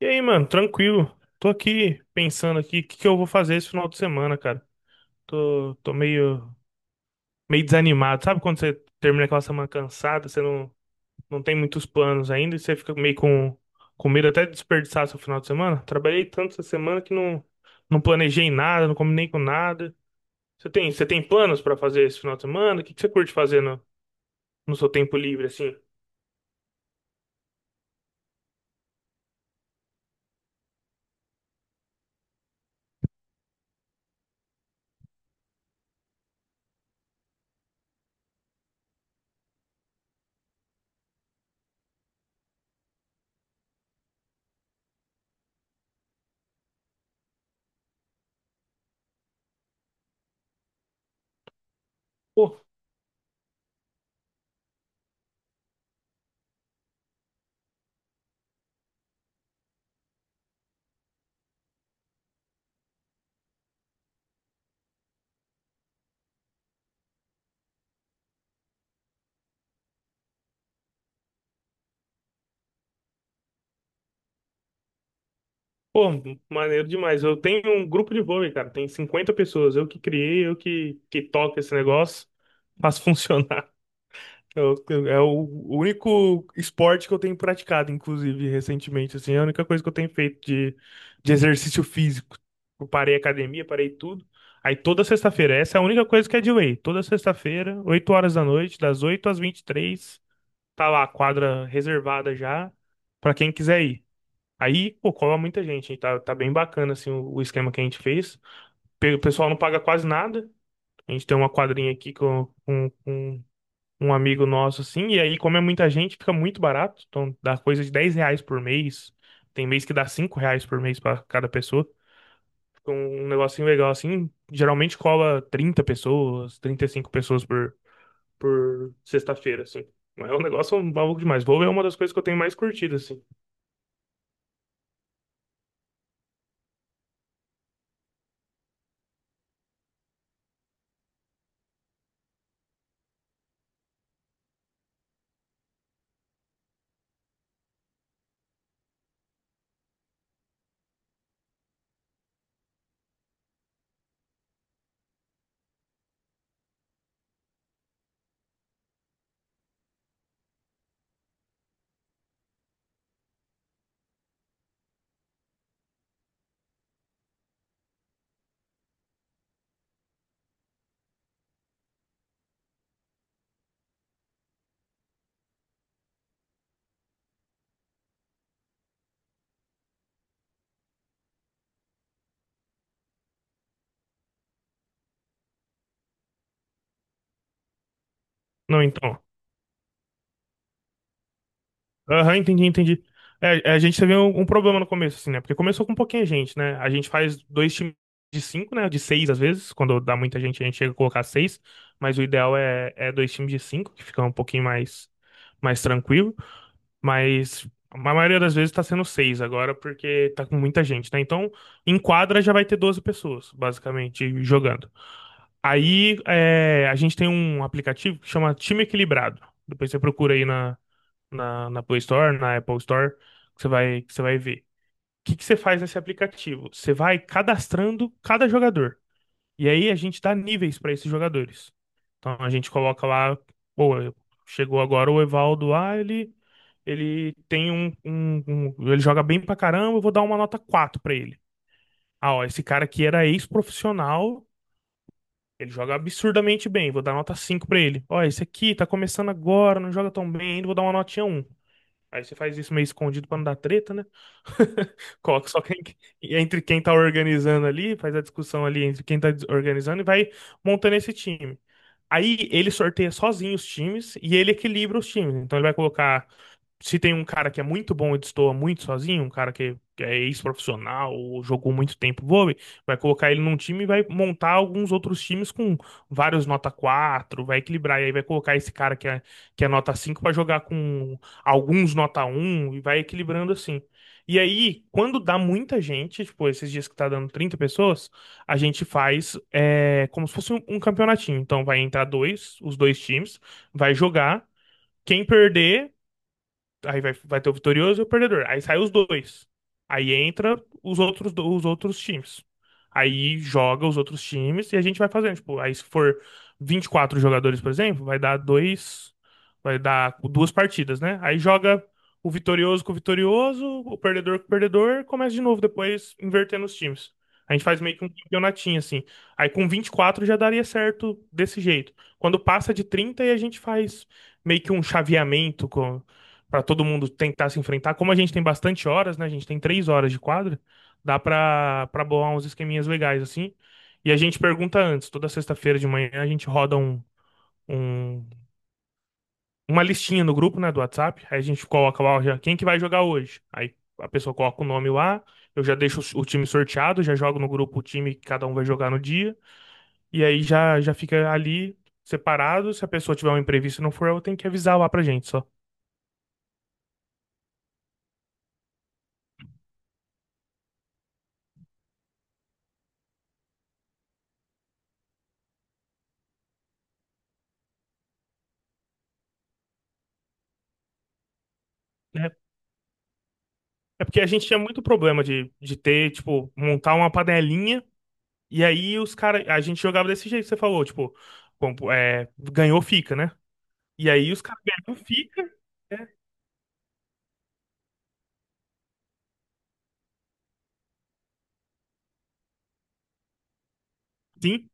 E aí, mano, tranquilo. Tô aqui pensando aqui o que que eu vou fazer esse final de semana, cara. Tô, tô meio, meio desanimado. Sabe quando você termina aquela semana cansada, você não, não tem muitos planos ainda e você fica com medo até de desperdiçar seu final de semana? Trabalhei tanto essa semana que não, não planejei nada, não combinei com nada. Você tem planos pra fazer esse final de semana? O que que você curte fazer no seu tempo livre, assim? Pô, Pô, maneiro demais. Eu tenho um grupo de vôlei, cara. Tem 50 pessoas. Eu que criei, que toco esse negócio. Faço funcionar. É o único esporte que eu tenho praticado, inclusive, recentemente. Assim, é a única coisa que eu tenho de exercício físico. Eu parei a academia, parei tudo. Aí toda sexta-feira, essa é a única coisa que é de lei. Toda sexta-feira, 8 horas da noite, das 8 às 23, tá lá a quadra reservada já, pra quem quiser ir. Aí, pô, cola muita gente, hein? Tá bem bacana, assim, o esquema que a gente fez. O pessoal não paga quase nada. A gente tem uma quadrinha aqui com um amigo nosso, assim, e aí, como é muita gente, fica muito barato. Então, dá coisa de 10 reais por mês. Tem mês que dá 5 reais por mês pra cada pessoa. Um negocinho legal, assim. Geralmente cola 30 pessoas, 35 por sexta-feira, assim. É um negócio maluco demais. Vou é uma das coisas que eu tenho mais curtido, assim. Não, então. Aham, entendi. A gente teve um problema no começo, assim, né? Porque começou com pouquinha gente, né? A gente faz dois times de cinco, né? De seis às vezes. Quando dá muita gente, a gente chega a colocar seis. Mas o ideal é dois times de cinco, que fica um pouquinho mais tranquilo. Mas a maioria das vezes tá sendo seis agora, porque tá com muita gente, né? Então, em quadra já vai ter 12 pessoas, basicamente, jogando. Aí, é, a gente tem um aplicativo que chama Time Equilibrado. Depois você procura aí na Play Store, na Apple Store, que você vai ver. O que que você faz nesse aplicativo? Você vai cadastrando cada jogador. E aí a gente dá níveis para esses jogadores. Então a gente coloca lá, pô, chegou agora o Evaldo, ah, ele tem ele joga bem pra caramba, eu vou dar uma nota 4 pra ele. Ah, ó, esse cara aqui era ex-profissional, ele joga absurdamente bem, vou dar nota 5 pra ele. Ó, esse aqui tá começando agora, não joga tão bem ainda, vou dar uma notinha um. Aí você faz isso meio escondido pra não dar treta, né? Coloca só quem, entre quem tá organizando ali, faz a discussão ali entre quem tá organizando e vai montando esse time. Aí ele sorteia sozinho os times e ele equilibra os times. Então ele vai colocar. Se tem um cara que é muito bom e destoa muito sozinho, um cara que é ex-profissional ou jogou muito tempo vôlei, vai colocar ele num time e vai montar alguns outros times com vários nota 4. Vai equilibrar. E aí vai colocar esse cara que é nota 5 para jogar com alguns nota um e vai equilibrando assim. E aí, quando dá muita gente, tipo, esses dias que tá dando 30 pessoas a gente faz é, como se fosse um campeonatinho. Então vai entrar dois, os dois times, vai jogar. Quem perder Aí vai ter o vitorioso e o perdedor. Aí sai os dois. Aí entra os outros, os outros times. Aí joga os outros times e a gente vai fazendo. Tipo, aí se for 24 jogadores, por exemplo, vai dar dois. Vai dar duas partidas, né? Aí joga o vitorioso com o vitorioso, o perdedor com o perdedor, começa de novo depois, invertendo os times. A gente faz meio que um campeonatinho assim. Aí com 24 já daria certo desse jeito. Quando passa de 30 aí a gente faz meio que um chaveamento para todo mundo tentar se enfrentar. Como a gente tem bastante horas, né? A gente tem três horas de quadra, dá para bolar uns esqueminhas legais assim. E a gente pergunta antes, toda sexta-feira de manhã a gente roda um- uma listinha no grupo, né, do WhatsApp. Aí a gente coloca lá, ó, já, quem que vai jogar hoje? Aí a pessoa coloca o nome lá, eu já deixo o time sorteado, já jogo no grupo o time que cada um vai jogar no dia. E aí já fica ali separado. Se a pessoa tiver um imprevisto e não for, eu tenho que avisar lá pra gente só. Né? É porque a gente tinha muito problema de ter, tipo, montar uma panelinha e aí os caras. A gente jogava desse jeito que você falou, tipo, é, ganhou, fica, né? E aí os caras ganham, fica. É, sim,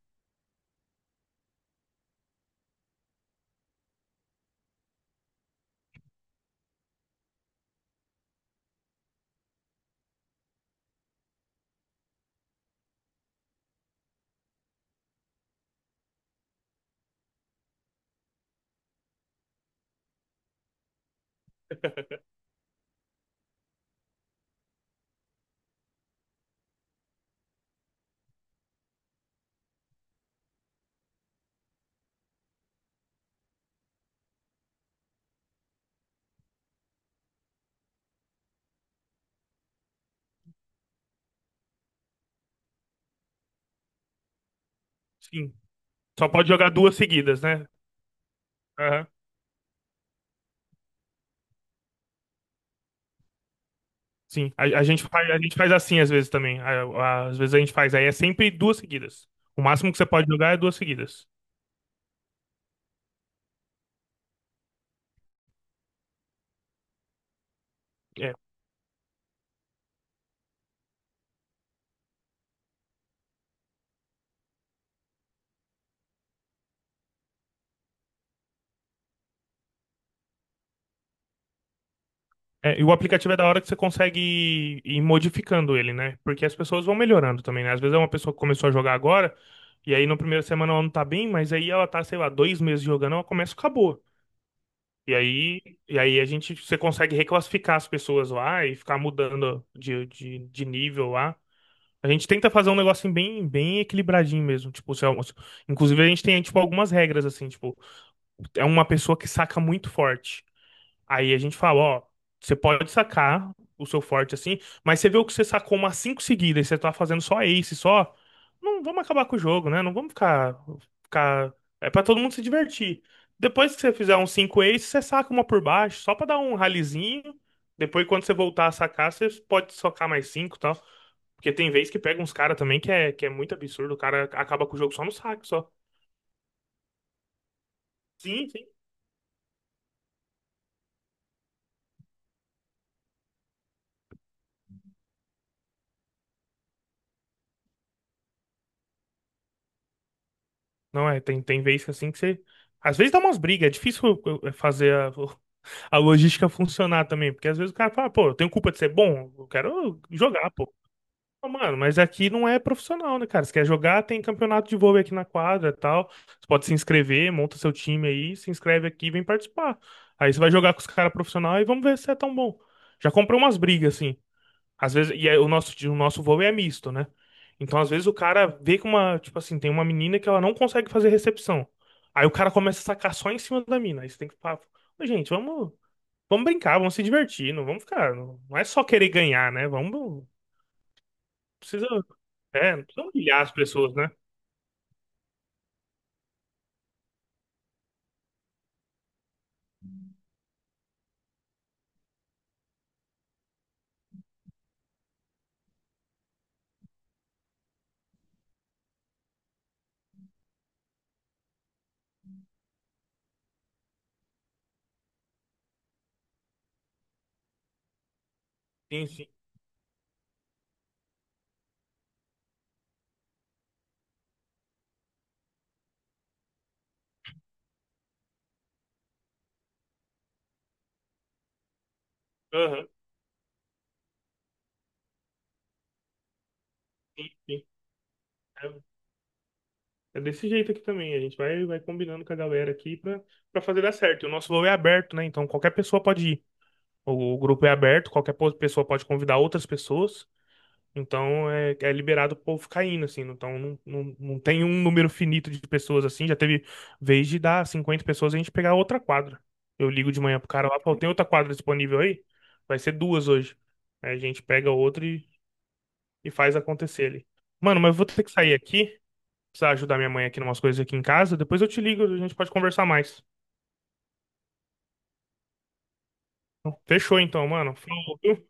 sim. Só pode jogar duas seguidas, né? Aham, sim. A gente faz, a gente faz assim às vezes também. Às vezes a gente faz. Aí é sempre duas seguidas. O máximo que você pode jogar é duas seguidas. É. É, e o aplicativo é da hora que você consegue ir, modificando ele, né? Porque as pessoas vão melhorando também, né? Às vezes é uma pessoa que começou a jogar agora, e aí na primeira semana ela não tá bem, mas aí ela tá, sei lá, dois meses jogando, ela começa e acabou. E aí, e aí a gente, você consegue reclassificar as pessoas lá e ficar mudando de nível lá. A gente tenta fazer um negocinho bem equilibradinho mesmo. Tipo, se é um- inclusive a gente tem, tipo, algumas regras, assim, tipo, é uma pessoa que saca muito forte. Aí a gente fala, ó, você pode sacar o seu forte assim, mas você viu que você sacou umas cinco seguidas e você tá fazendo só ace, só. Não vamos acabar com o jogo, né? Não vamos ficar, ficar... É pra todo mundo se divertir. Depois que você fizer uns cinco aces, você saca uma por baixo, só pra dar um ralizinho. Depois, quando você voltar a sacar, você pode socar mais cinco e tal. Porque tem vez que pega uns caras também que é muito absurdo. O cara acaba com o jogo só no saque, só. Sim, sim. Não é, tem, Tem vezes que assim que você. Às vezes dá umas brigas, é difícil eh, fazer a, a logística funcionar também, porque às vezes o cara fala, pô, eu tenho culpa de ser bom, eu quero jogar, pô. Não, mano, mas aqui não é profissional, né, cara? Você quer jogar, tem campeonato de vôlei aqui na quadra e tal. Você pode se inscrever, monta seu time aí, se inscreve aqui e vem participar. Aí você vai jogar com os caras profissionais e vamos ver se é tão bom. Já comprei umas brigas, assim. Às vezes, o nosso voo é misto, né? Então, às vezes, o cara vê que uma, tipo assim, tem uma menina que ela não consegue fazer recepção. Aí o cara começa a sacar só em cima da mina. Aí você tem que falar, "Ô, gente, vamos brincar, vamos se divertir, não vamos ficar. Não, não é só querer ganhar, né? Vamos. Precisa. É, não precisa humilhar as pessoas, né? Sim, sim. Aham, sim, sim. É, é desse jeito aqui também. Vai combinando com a galera aqui pra fazer dar certo. E o nosso voo é aberto, né? Então qualquer pessoa pode ir. O grupo é aberto, qualquer pessoa pode convidar outras pessoas. Então é liberado o povo caindo, assim. Então não tem um número finito de pessoas assim. Já teve vez de dar 50 pessoas e a gente pegar outra quadra. Eu ligo de manhã pro cara lá, pô, tem outra quadra disponível aí? Vai ser duas hoje. Aí a gente pega outra e faz acontecer ali. Mano, mas eu vou ter que sair aqui. Precisar ajudar minha mãe aqui em umas coisas aqui em casa. Depois eu te ligo, a gente pode conversar mais. Fechou então, mano. Falou, viu?